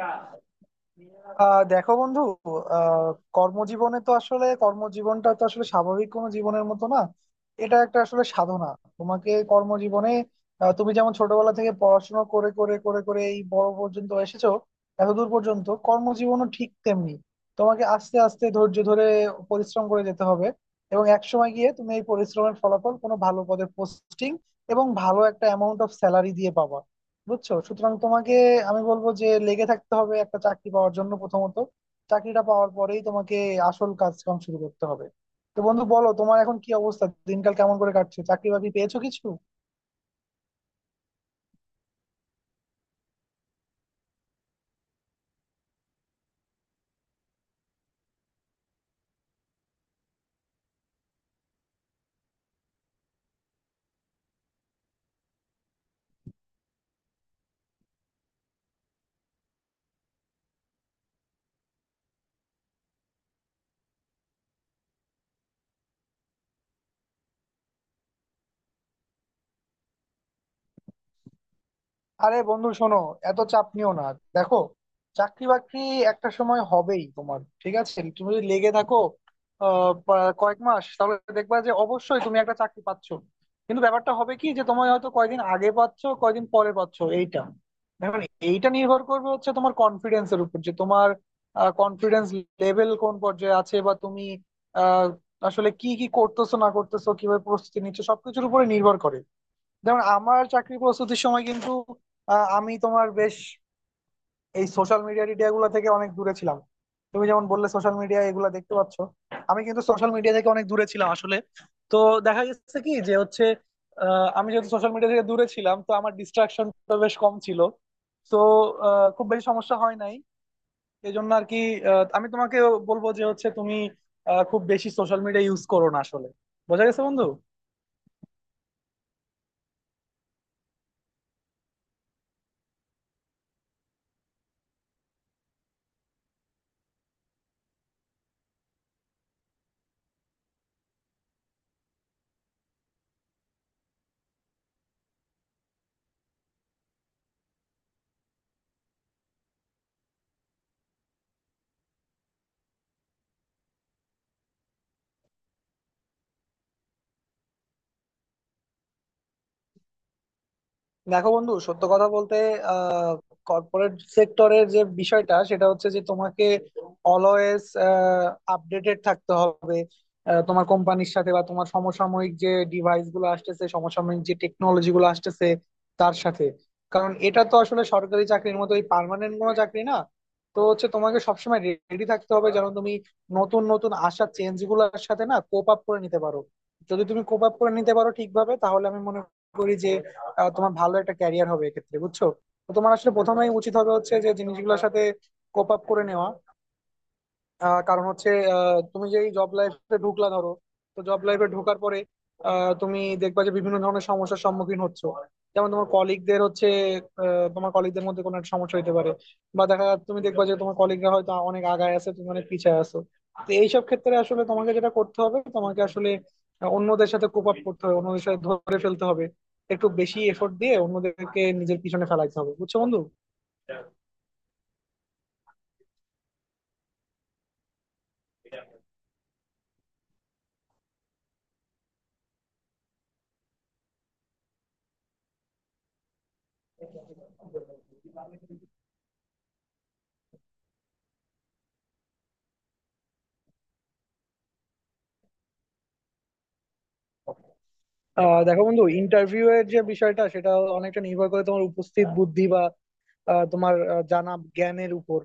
আহ দেখো বন্ধু। আহ কর্মজীবনে তো আসলে কর্মজীবনটা তো আসলে স্বাভাবিক কোনো জীবনের মতো না। এটা একটা আসলে সাধনা। তোমাকে কর্মজীবনে তুমি যেমন ছোটবেলা থেকে পড়াশোনা করে করে করে করে এই বড় পর্যন্ত এসেছো, এতদূর পর্যন্ত। কর্মজীবনও ঠিক তেমনি, তোমাকে আস্তে আস্তে ধৈর্য ধরে পরিশ্রম করে যেতে হবে। এবং একসময় গিয়ে তুমি এই পরিশ্রমের ফলাফল কোনো ভালো পদে পোস্টিং এবং ভালো একটা অ্যামাউন্ট অফ স্যালারি দিয়ে পাবা। বুঝছো? সুতরাং তোমাকে আমি বলবো যে লেগে থাকতে হবে একটা চাকরি পাওয়ার জন্য। প্রথমত চাকরিটা পাওয়ার পরেই তোমাকে আসল কাজকাম শুরু করতে হবে। তো বন্ধু বলো, তোমার এখন কি অবস্থা? দিনকাল কেমন করে কাটছে? চাকরি বাকরি পেয়েছো কিছু? আরে বন্ধু শোনো, এত চাপ নিও না। দেখো, চাকরি বাকরি একটা সময় হবেই তোমার। ঠিক আছে, তুমি যদি লেগে থাকো কয়েক মাস, তাহলে দেখবা যে অবশ্যই তুমি একটা চাকরি পাচ্ছ। কিন্তু ব্যাপারটা হবে কি যে তোমায় হয়তো কয়দিন আগে পাচ্ছ, কয়দিন পরে পাচ্ছ, এইটা এখন। এইটা নির্ভর করবে হচ্ছে তোমার কনফিডেন্সের উপর, যে তোমার কনফিডেন্স লেভেল কোন পর্যায়ে আছে বা তুমি আহ, আসলে কি কি করতেছো না করতেছো, কিভাবে প্রস্তুতি নিচ্ছ, সবকিছুর উপরে নির্ভর করে। যেমন আমার চাকরি প্রস্তুতির সময় কিন্তু আমি তোমার বেশ এই সোশ্যাল মিডিয়া টিডিয়া গুলো থেকে অনেক দূরে ছিলাম। তুমি যেমন বললে সোশ্যাল মিডিয়া এগুলা দেখতে পাচ্ছ, আমি কিন্তু সোশ্যাল মিডিয়া থেকে অনেক দূরে ছিলাম আসলে। তো দেখা গেছে কি যে হচ্ছে আমি যেহেতু সোশ্যাল মিডিয়া থেকে দূরে ছিলাম, তো আমার ডিস্ট্রাকশনটা বেশ কম ছিল। তো খুব বেশি সমস্যা হয় নাই। এই জন্য আর কি আমি তোমাকে বলবো যে হচ্ছে তুমি খুব বেশি সোশ্যাল মিডিয়া ইউজ করো না আসলে। বোঝা গেছে বন্ধু? দেখো বন্ধু, সত্য কথা বলতে আহ কর্পোরেট সেক্টরের যে বিষয়টা সেটা হচ্ছে যে তোমাকে অলওয়েজ আপডেটেড থাকতে হবে তোমার কোম্পানির সাথে বা তোমার সমসাময়িক যে ডিভাইস গুলো আসতেছে, সমসাময়িক যে টেকনোলজি গুলো আসতেছে তার সাথে। কারণ এটা তো আসলে সরকারি চাকরির মতো এই পার্মানেন্ট কোনো চাকরি না। তো হচ্ছে তোমাকে সবসময় রেডি থাকতে হবে, যেন তুমি নতুন নতুন আসা চেঞ্জ গুলোর সাথে না কোপ আপ করে নিতে পারো। যদি তুমি কোপ আপ করে নিতে পারো ঠিকভাবে, তাহলে আমি মনে করি যে তোমার ভালো একটা ক্যারিয়ার হবে এক্ষেত্রে। বুঝছো? তো তোমার আসলে প্রথমেই উচিত হবে হচ্ছে যে জিনিসগুলোর সাথে কোপ আপ করে নেওয়া। কারণ হচ্ছে তুমি যেই জব লাইফে ঢুকলা ধরো, তো জব লাইফে ঢোকার পরে তুমি দেখবা যে বিভিন্ন ধরনের সমস্যার সম্মুখীন হচ্ছ। যেমন তোমার কলিগদের হচ্ছে তোমার কলিগদের মধ্যে কোনো একটা সমস্যা হতে পারে, বা দেখা যাচ্ছে তুমি দেখবা যে তোমার কলিগরা হয়তো অনেক আগায় আছে, তুমি অনেক পিছায় আছো। তো এইসব ক্ষেত্রে আসলে তোমাকে যেটা করতে হবে, তোমাকে আসলে অন্যদের সাথে কোপ আপ করতে হবে, অন্যদের সাথে ধরে ফেলতে হবে, একটু বেশি এফোর্ট দিয়ে অন্যদেরকে নিজের পিছনে ফেলাইতে হবে। বুঝছো বন্ধু? দেখো বন্ধু, ইন্টারভিউ এর যে বিষয়টা সেটা অনেকটা নির্ভর করে তোমার উপস্থিত বুদ্ধি বা তোমার জানা জ্ঞানের উপর।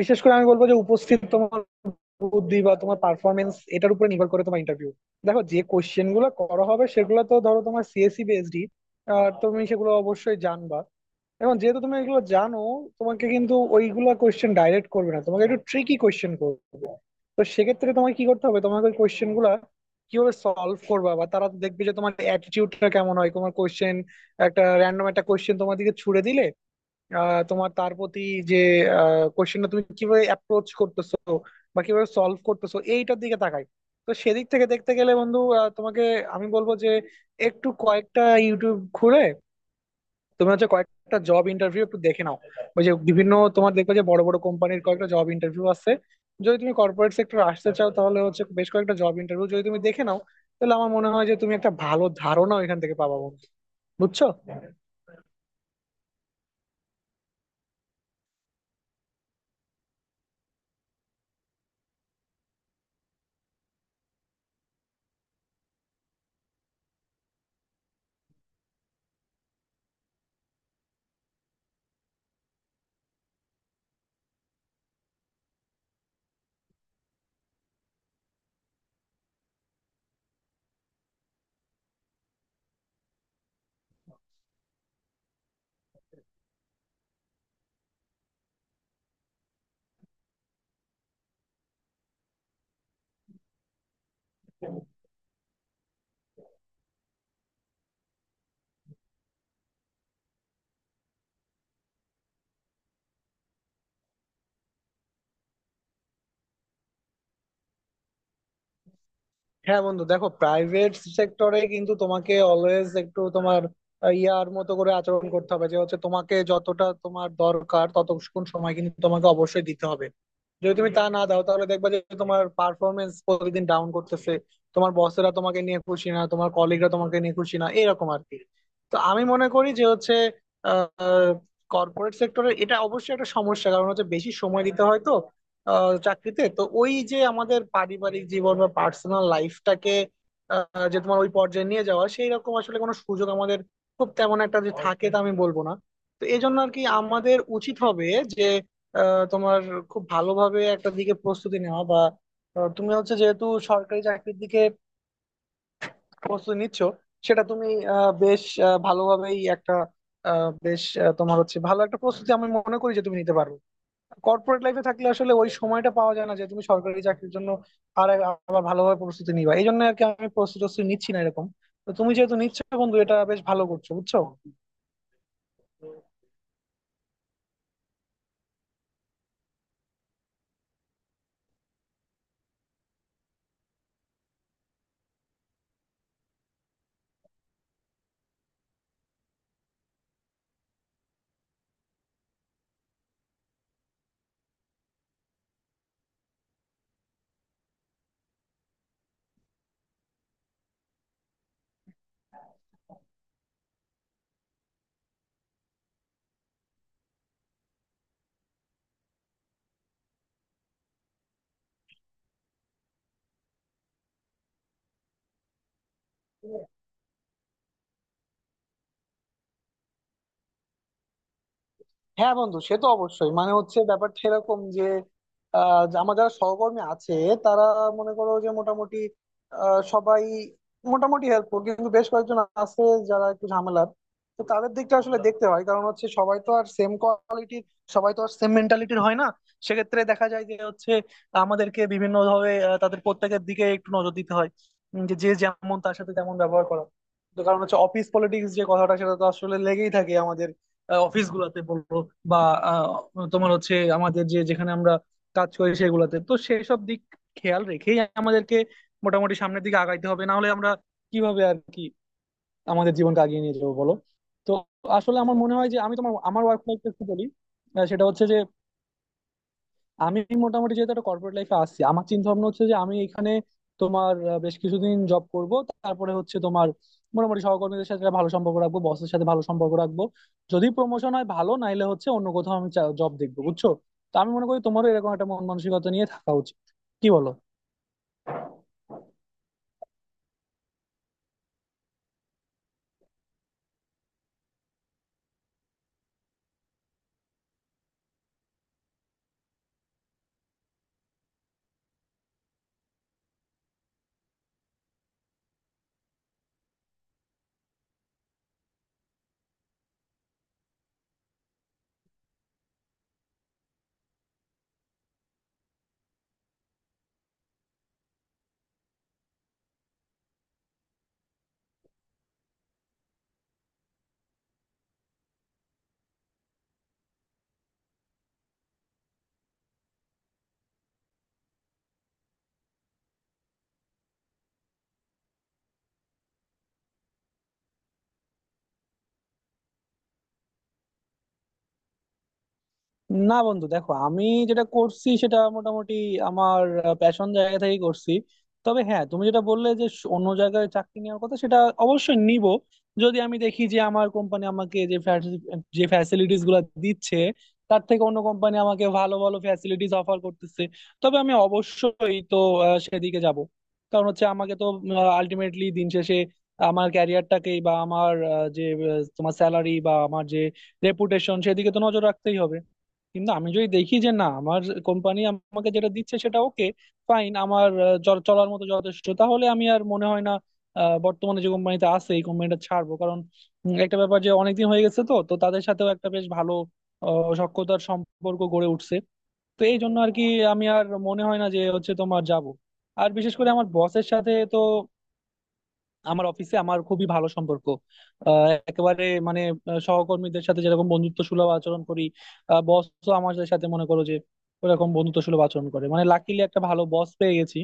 বিশেষ করে আমি বলবো যে উপস্থিত তোমার বুদ্ধি বা তোমার পারফরমেন্স, এটার উপরে নির্ভর করে তোমার ইন্টারভিউ। দেখো যে কোশ্চেন গুলো করা হবে সেগুলো তো ধরো তোমার সিএসসি পিএইচডি, আর তুমি সেগুলো অবশ্যই জানবা। এবং যেহেতু তুমি এগুলো জানো, তোমাকে কিন্তু ওইগুলো কোশ্চেন ডাইরেক্ট করবে না, তোমাকে একটু ট্রিকি কোশ্চেন করবে। তো সেক্ষেত্রে তোমাকে কি করতে হবে, তোমাকে ওই কোয়েশ্চেন গুলা কিভাবে সলভ করবা, বা তারা তো দেখবে যে তোমার অ্যাটিটিউডটা কেমন হয়, তোমার কোয়েশ্চেন একটা র্যান্ডম একটা কোয়েশ্চেন তোমার দিকে ছুড়ে দিলে তোমার তার প্রতি যে কোয়েশ্চেনটা তুমি কিভাবে অ্যাপ্রোচ করতেছো বা কিভাবে সলভ করতেছো, এইটার দিকে তাকায়। তো সেদিক থেকে দেখতে গেলে বন্ধু তোমাকে আমি বলবো যে একটু কয়েকটা ইউটিউব খুলে তুমি হচ্ছে কয়েকটা জব ইন্টারভিউ একটু দেখে নাও। ওই যে বিভিন্ন, তোমার দেখবে যে বড় বড় কোম্পানির কয়েকটা জব ইন্টারভিউ আছে। যদি তুমি কর্পোরেট সেক্টর আসতে চাও, তাহলে হচ্ছে বেশ কয়েকটা জব ইন্টারভিউ যদি তুমি দেখে নাও, তাহলে আমার মনে হয় যে তুমি একটা ভালো ধারণা ওইখান থেকে পাবা বন্ধু। বুঝছো? হ্যাঁ বন্ধু, দেখো প্রাইভেট সেক্টরে কিন্তু তোমাকে অলওয়েজ একটু তোমার ইয়ার মতো করে আচরণ করতে হবে, যে হচ্ছে তোমাকে যতটা তোমার দরকার ততক্ষণ সময় কিন্তু তোমাকে অবশ্যই দিতে হবে। যদি তুমি তা না দাও, তাহলে দেখবা যে তোমার পারফরমেন্স প্রতিদিন ডাউন করতেছে, তোমার বসেরা তোমাকে নিয়ে খুশি না, তোমার কলিগরা তোমাকে নিয়ে খুশি না, এরকম আর কি। তো আমি মনে করি যে হচ্ছে কর্পোরেট সেক্টরে এটা অবশ্যই একটা সমস্যা, কারণ হচ্ছে বেশি সময় দিতে হয় তো চাকরিতে। তো ওই যে আমাদের পারিবারিক জীবন বা পার্সোনাল লাইফটাকে যে তোমার ওই পর্যায়ে নিয়ে যাওয়া, সেই রকম আসলে কোনো সুযোগ আমাদের খুব তেমন একটা যে থাকে, তা আমি বলবো না। তো এই জন্য আর কি আমাদের উচিত হবে যে তোমার খুব ভালোভাবে একটা দিকে প্রস্তুতি নেওয়া। বা তুমি হচ্ছে যেহেতু সরকারি চাকরির দিকে প্রস্তুতি নিচ্ছ, সেটা তুমি বেশ ভালোভাবেই একটা বেশ তোমার হচ্ছে ভালো একটা প্রস্তুতি আমি মনে করি যে তুমি নিতে পারবে। কর্পোরেট লাইফে থাকলে আসলে ওই সময়টা পাওয়া যায় না যে তুমি সরকারি চাকরির জন্য আর আবার ভালোভাবে প্রস্তুতি নিবা। এই জন্য আর কি, আমি প্রস্তুতি টস্তুতি নিচ্ছি না এরকম। তো তুমি যেহেতু নিচ্ছ বন্ধু, এটা বেশ ভালো করছো। বুঝছো? হ্যাঁ বন্ধু, সে তো অবশ্যই, মানে হচ্ছে ব্যাপারটা এরকম যে যে আমার যারা সহকর্মী আছে, তারা মনে করো যে মোটামুটি সবাই মোটামুটি হেল্পফুল, কিন্তু বেশ কয়েকজন আছে যারা একটু ঝামেলার। তো তাদের দিকটা আসলে দেখতে হয়, কারণ হচ্ছে সবাই তো আর সেম কোয়ালিটির, সবাই তো আর সেম মেন্টালিটির হয় না। সেক্ষেত্রে দেখা যায় যে হচ্ছে আমাদেরকে বিভিন্ন ভাবে তাদের প্রত্যেকের দিকে একটু নজর দিতে হয়। যে যে যেমন তার সাথে তেমন ব্যবহার করা। তো কারণ হচ্ছে অফিস পলিটিক্স যে কথাটা, সেটা তো আসলে লেগেই থাকে আমাদের অফিস গুলাতে বলবো, বা তোমার হচ্ছে আমাদের যে যেখানে আমরা কাজ করি, সেগুলাতে তো সেসব দিক খেয়াল রেখেই আমাদেরকে মোটামুটি সামনের দিকে আগাইতে হবে। না হলে আমরা কিভাবে আর কি আমাদের জীবনকে আগিয়ে নিয়ে যাবো বলো? তো আসলে আমার মনে হয় যে আমি তোমার আমার ওয়ার্ক লাইফ একটু বলি। সেটা হচ্ছে যে আমি মোটামুটি যেহেতু একটা কর্পোরেট লাইফে আছি, আমার চিন্তা ভাবনা হচ্ছে যে আমি এখানে তোমার বেশ কিছুদিন জব করব। তারপরে হচ্ছে তোমার মোটামুটি সহকর্মীদের সাথে একটা ভালো সম্পর্ক রাখবো, বসের সাথে ভালো সম্পর্ক রাখবো, যদি প্রমোশন হয় ভালো, নাইলে হচ্ছে অন্য কোথাও আমি জব দেখবো। বুঝছো? তো আমি মনে করি তোমারও এরকম একটা মন মানসিকতা নিয়ে থাকা উচিত। কি বলো? না বন্ধু, দেখো আমি যেটা করছি সেটা মোটামুটি আমার প্যাশন জায়গা থেকে করছি। তবে হ্যাঁ, তুমি যেটা বললে যে অন্য জায়গায় চাকরি নেওয়ার কথা, সেটা অবশ্যই নিব। যদি আমি দেখি যে আমার কোম্পানি আমাকে যে যে ফ্যাসিলিটিস গুলো দিচ্ছে, তার থেকে অন্য কোম্পানি আমাকে ভালো ভালো ফ্যাসিলিটিস অফার করতেছে, তবে আমি অবশ্যই তো সেদিকে যাব। কারণ হচ্ছে আমাকে তো আলটিমেটলি দিন শেষে আমার ক্যারিয়ারটাকেই, বা আমার যে তোমার স্যালারি বা আমার যে রেপুটেশন, সেদিকে তো নজর রাখতেই হবে। কিন্তু আমি যদি দেখি যে না, আমার কোম্পানি আমাকে যেটা দিচ্ছে সেটা ওকে, ফাইন, আমার চলার মতো যথেষ্ট, তাহলে আমি আর মনে হয় না বর্তমানে যে কোম্পানিতে আছে এই কোম্পানিটা ছাড়বো। কারণ একটা ব্যাপার যে অনেকদিন হয়ে গেছে তো তো তাদের সাথেও একটা বেশ ভালো সখ্যতার সম্পর্ক গড়ে উঠছে। তো এই জন্য আর কি, আমি আর মনে হয় না যে হচ্ছে তোমার যাব। আর বিশেষ করে আমার বসের সাথে তো আমার অফিসে আমার খুবই ভালো সম্পর্ক। একেবারে, মানে সহকর্মীদের সাথে যেরকম বন্ধুত্ব সুলভ আচরণ করি, বসও আমাদের সাথে মনে করো যে ওরকম বন্ধুত্ব সুলভ আচরণ করে। মানে লাকিলি একটা ভালো বস পেয়ে গেছি।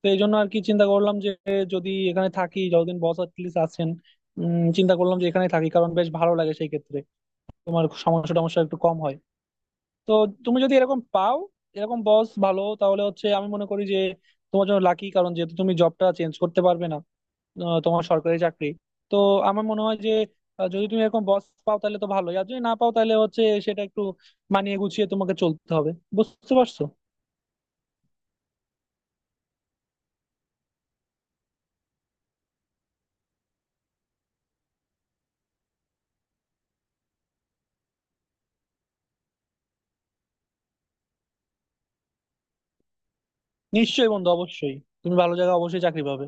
তো এই জন্য আর কি চিন্তা করলাম যে যদি এখানে থাকি যতদিন বস অ্যাটলিস্ট আছেন, চিন্তা করলাম যে এখানে থাকি, কারণ বেশ ভালো লাগে সেই ক্ষেত্রে। তোমার সমস্যা টমস্যা একটু কম হয়। তো তুমি যদি এরকম পাও, এরকম বস ভালো, তাহলে হচ্ছে আমি মনে করি যে তোমার জন্য লাকি, কারণ যেহেতু তুমি জবটা চেঞ্জ করতে পারবে না তোমার সরকারি চাকরি। তো আমার মনে হয় যে যদি তুমি এরকম বস পাও তাহলে তো ভালোই, আর যদি না পাও, তাহলে হচ্ছে সেটা একটু মানিয়ে গুছিয়ে তোমাকে চলতে হবে। বুঝতে পারছো? নিশ্চয়ই বন্ধু, অবশ্যই, তুমি ভালো জায়গায় অবশ্যই চাকরি পাবে।